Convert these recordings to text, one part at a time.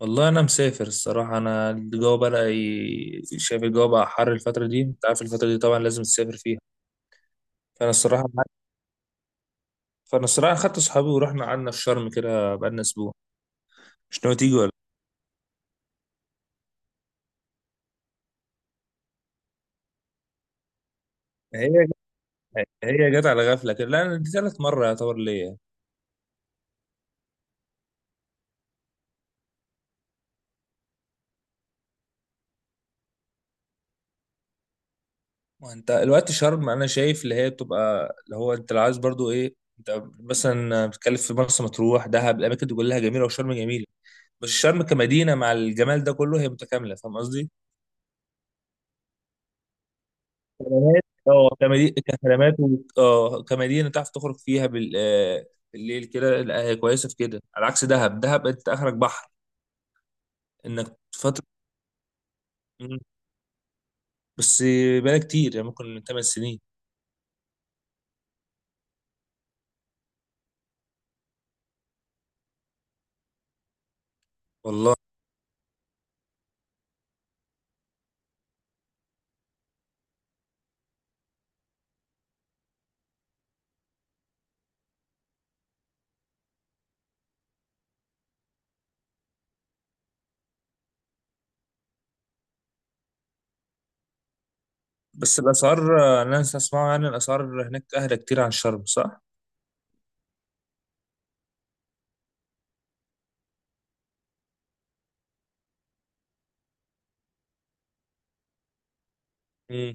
والله، انا مسافر الصراحه. انا الجو شايف الجو بقى حر الفتره دي. انت عارف الفتره دي طبعا لازم تسافر فيها. فانا الصراحه فانا الصراحه خدت اصحابي ورحنا قعدنا في شرم كده بقالنا اسبوع. مش ناوي تيجي ولا إيه؟ هي جت على غفله كده. لا، أنا دي ثالث مره يعتبر ليا. وانت الوقت شرم انا شايف اللي هي بتبقى اللي هو انت لو عايز برضو ايه. انت مثلا بتتكلم في مرسى مطروح، دهب، الاماكن دي كلها جميله، وشرم جميله. بس شرم كمدينه مع الجمال ده كله هي متكامله، فاهم قصدي. خدمات، اه، كمدينة كخدمات، كمدينة تعرف تخرج فيها بالليل كده. لا، هي كويسة في كده على عكس دهب انت اخرك بحر. انك فترة. مم. بس بقى كتير، يعني ممكن من 8 سنين. والله. بس الاسعار، انا اسمعه، يعني الاسعار هناك اهدى كتير عن شرم، صح؟ مم.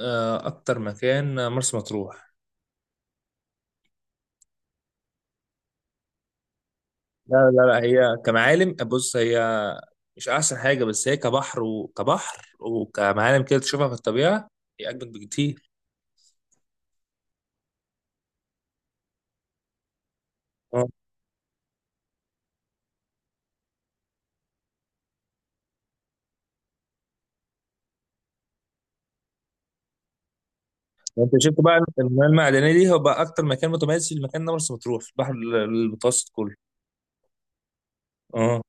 اكتر مكان مرسى مطروح. لا لا لا، هي كمعالم. بص، هي مش احسن حاجة، بس هي كبحر وكبحر وكمعالم كده تشوفها في الطبيعة. هي اجمد بكتير. انت شفت بقى المياه المعدنيه دي، هو بقى اكتر مكان متميز في المكان ده مرسى مطروح في البحر المتوسط كله. اه.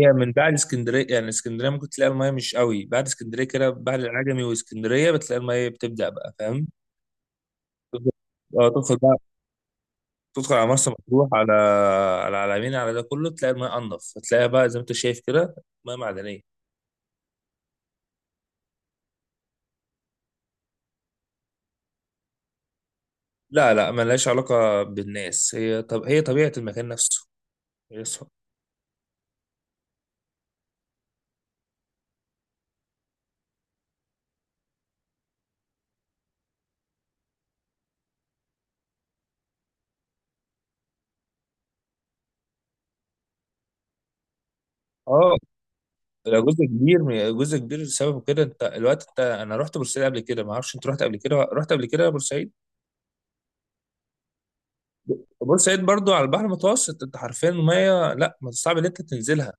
هي من بعد اسكندريه، يعني اسكندريه ممكن تلاقي المياه مش قوي. بعد اسكندريه كده، بعد العجمي واسكندريه، بتلاقي المياه بتبدا بقى، فاهم؟ تفضل- اه تدخل بقى. تدخل على مرسى مطروح، على على العلمين، على ده كله، تلاقي المياه انضف. هتلاقيها بقى زي ما انت شايف كده، مياه معدنيه. لا لا، ملهاش علاقه بالناس. هي طبيعه المكان نفسه. هي صح. اه، لو جزء كبير جزء كبير لسبب كده. انت الوقت انت انا رحت بورسعيد قبل كده، ما اعرفش انت رحت قبل كده بورسعيد؟ بورسعيد برضو على البحر المتوسط. انت حرفيا الميه لا، ما صعب ان انت تنزلها.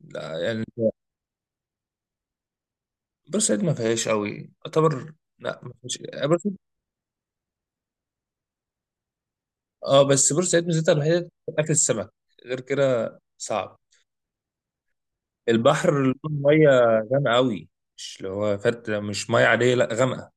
لا يعني، بورسعيد ما فيهاش قوي يعتبر. لا، ما فيهاش، بورسعيد. اه، بس بورسعيد ميزتها الوحيده اكل السمك. غير كده صعب. البحر، الميه غامقه قوي. مش اللي هو فرد، مش ميه عاديه، لا غامقه.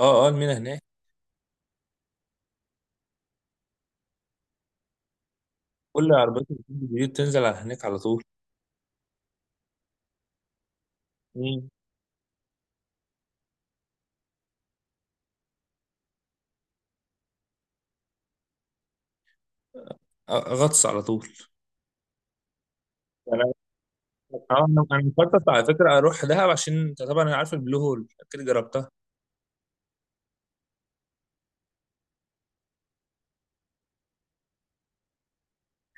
اه اه، المينا هناك. كل عربيات الجديد تنزل على هناك على طول. مم. غطس على طول. انا آه، انا أنا مخطط على فكره اروح دهب، عشان انت طبعا انا عارف البلو هول اكيد جربتها.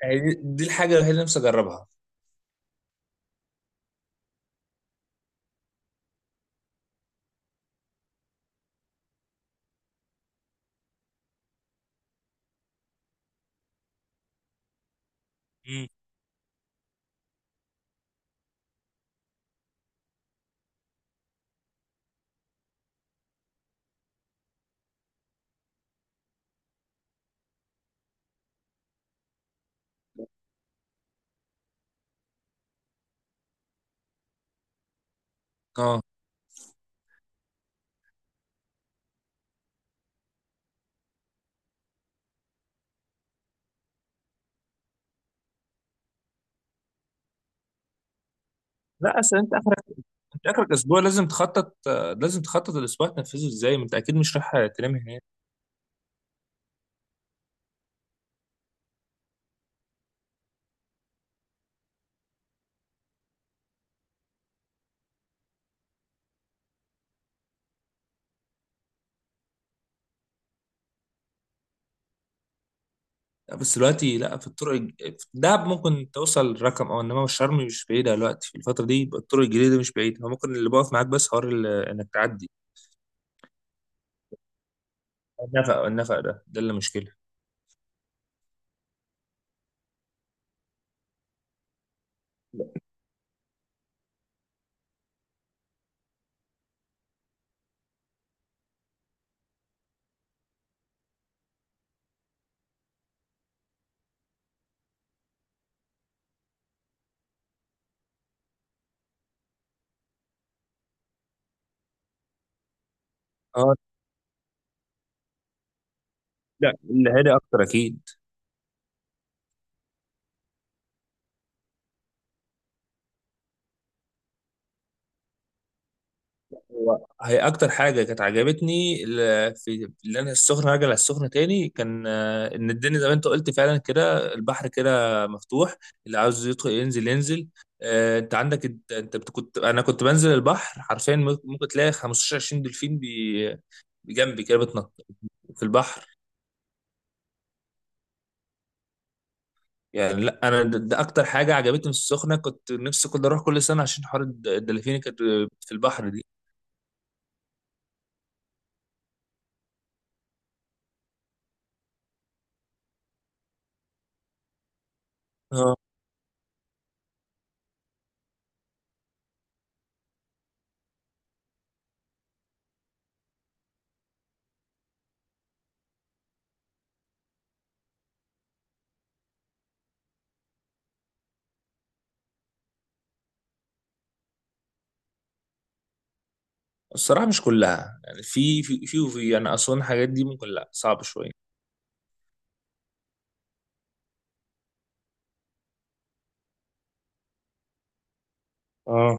يعني دي دي الحاجه الوحيده اللي نفسي اجربها. مم. اه لا، اصل انت اخرك اسبوع، لازم تخطط، لازم تخطط الاسبوع تنفذه ازاي. ما انت اكيد مش رايح تنام هناك. لا، بس دلوقتي لا. في دهب ممكن توصل رقم. او انما شرم مش بعيده دلوقتي في الفتره دي، يبقى الطرق الجديده مش بعيده. هو ممكن اللي بقف معاك بس حوار انك تعدي. النفق ده اللي مشكله. اه لا، اللي هادي اكتر اكيد. هي اكتر حاجه كانت عجبتني في اللي انا السخنه، راجع على السخنه تاني. كان ان الدنيا زي ما انت قلت فعلا كده، البحر كده مفتوح، اللي عاوز يدخل ينزل ينزل. آه، انت عندك انت أنت بت- كنت انا كنت بنزل البحر حرفيا. ممكن تلاقي 15 20 دولفين بجنبي كده بتنط في البحر. يعني لا، انا ده اكتر حاجه عجبتني في السخنه. كنت نفسي كنت اروح كل سنه عشان حوار الدلافين اللي كانت في البحر دي. الصراحة مش كلها، يعني في في في وفي انا اصلا الحاجات دي ممكن، لا صعب شوية. اه.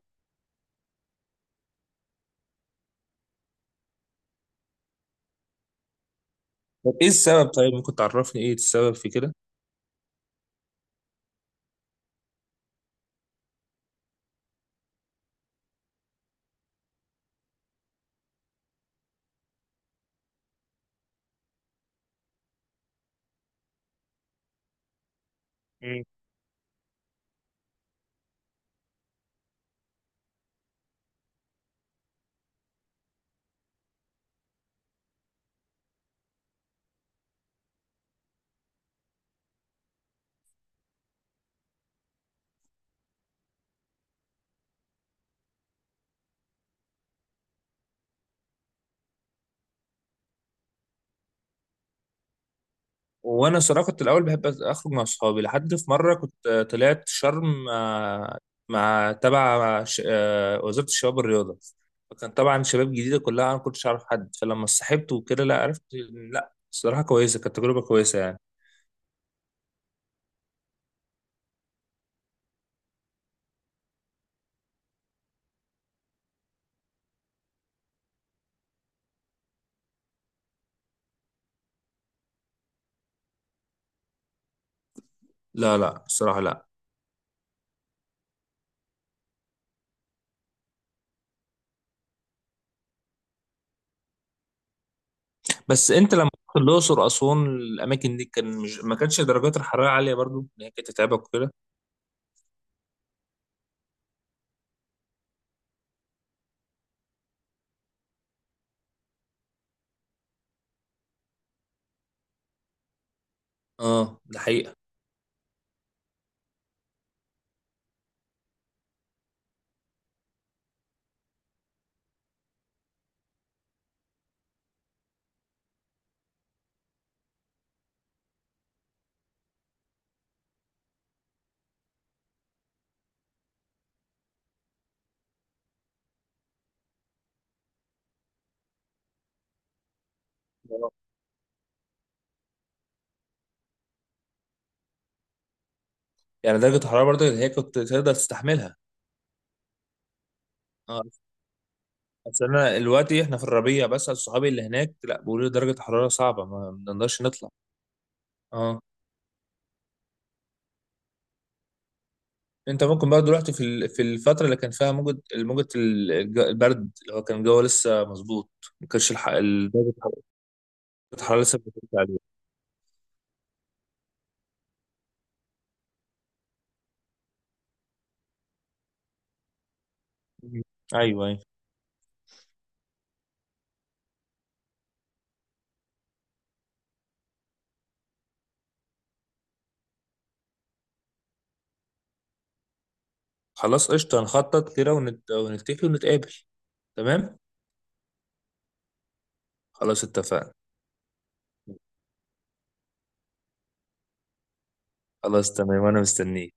طب ايه السبب؟ طيب ممكن تعرفني ايه السبب في كده؟ مم. وانا صراحة كنت الاول بحب اخرج مع اصحابي، لحد في مرة كنت، طلعت شرم مع تبع وزارة الشباب والرياضة. فكان طبعا شباب جديدة كلها، انا ما كنتش اعرف حد. فلما صاحبت وكده لا، عرفت إن لا الصراحة كويسة، كانت تجربة كويسة يعني. لا لا، الصراحة لا. بس انت لما رحت الاقصر اسوان الاماكن دي، كان مش، ما كانتش درجات الحراره عاليه برضو ان هي كانت تتعبك وكده؟ اه، ده حقيقه. آه. يعني درجه الحراره برضو اللي هي كنت تقدر تستحملها. اه. اصل انا دلوقتي احنا في الربيع، بس صحابي اللي هناك لا بيقولوا لي درجه الحراره صعبه، ما نقدرش نطلع. اه. انت ممكن برضو رحت في ال، في الفتره اللي كان فيها موجة، الموجة البرد، اللي هو كان الجو لسه مظبوط. ما كانش درجه الحراره لسه بترجع عليه. مم. ايوه ايوه. خلاص، قشطة، هنخطط كده ونتفق ونتقابل. تمام. خلاص اتفقنا. خلاص تمام، وانا مستنيك.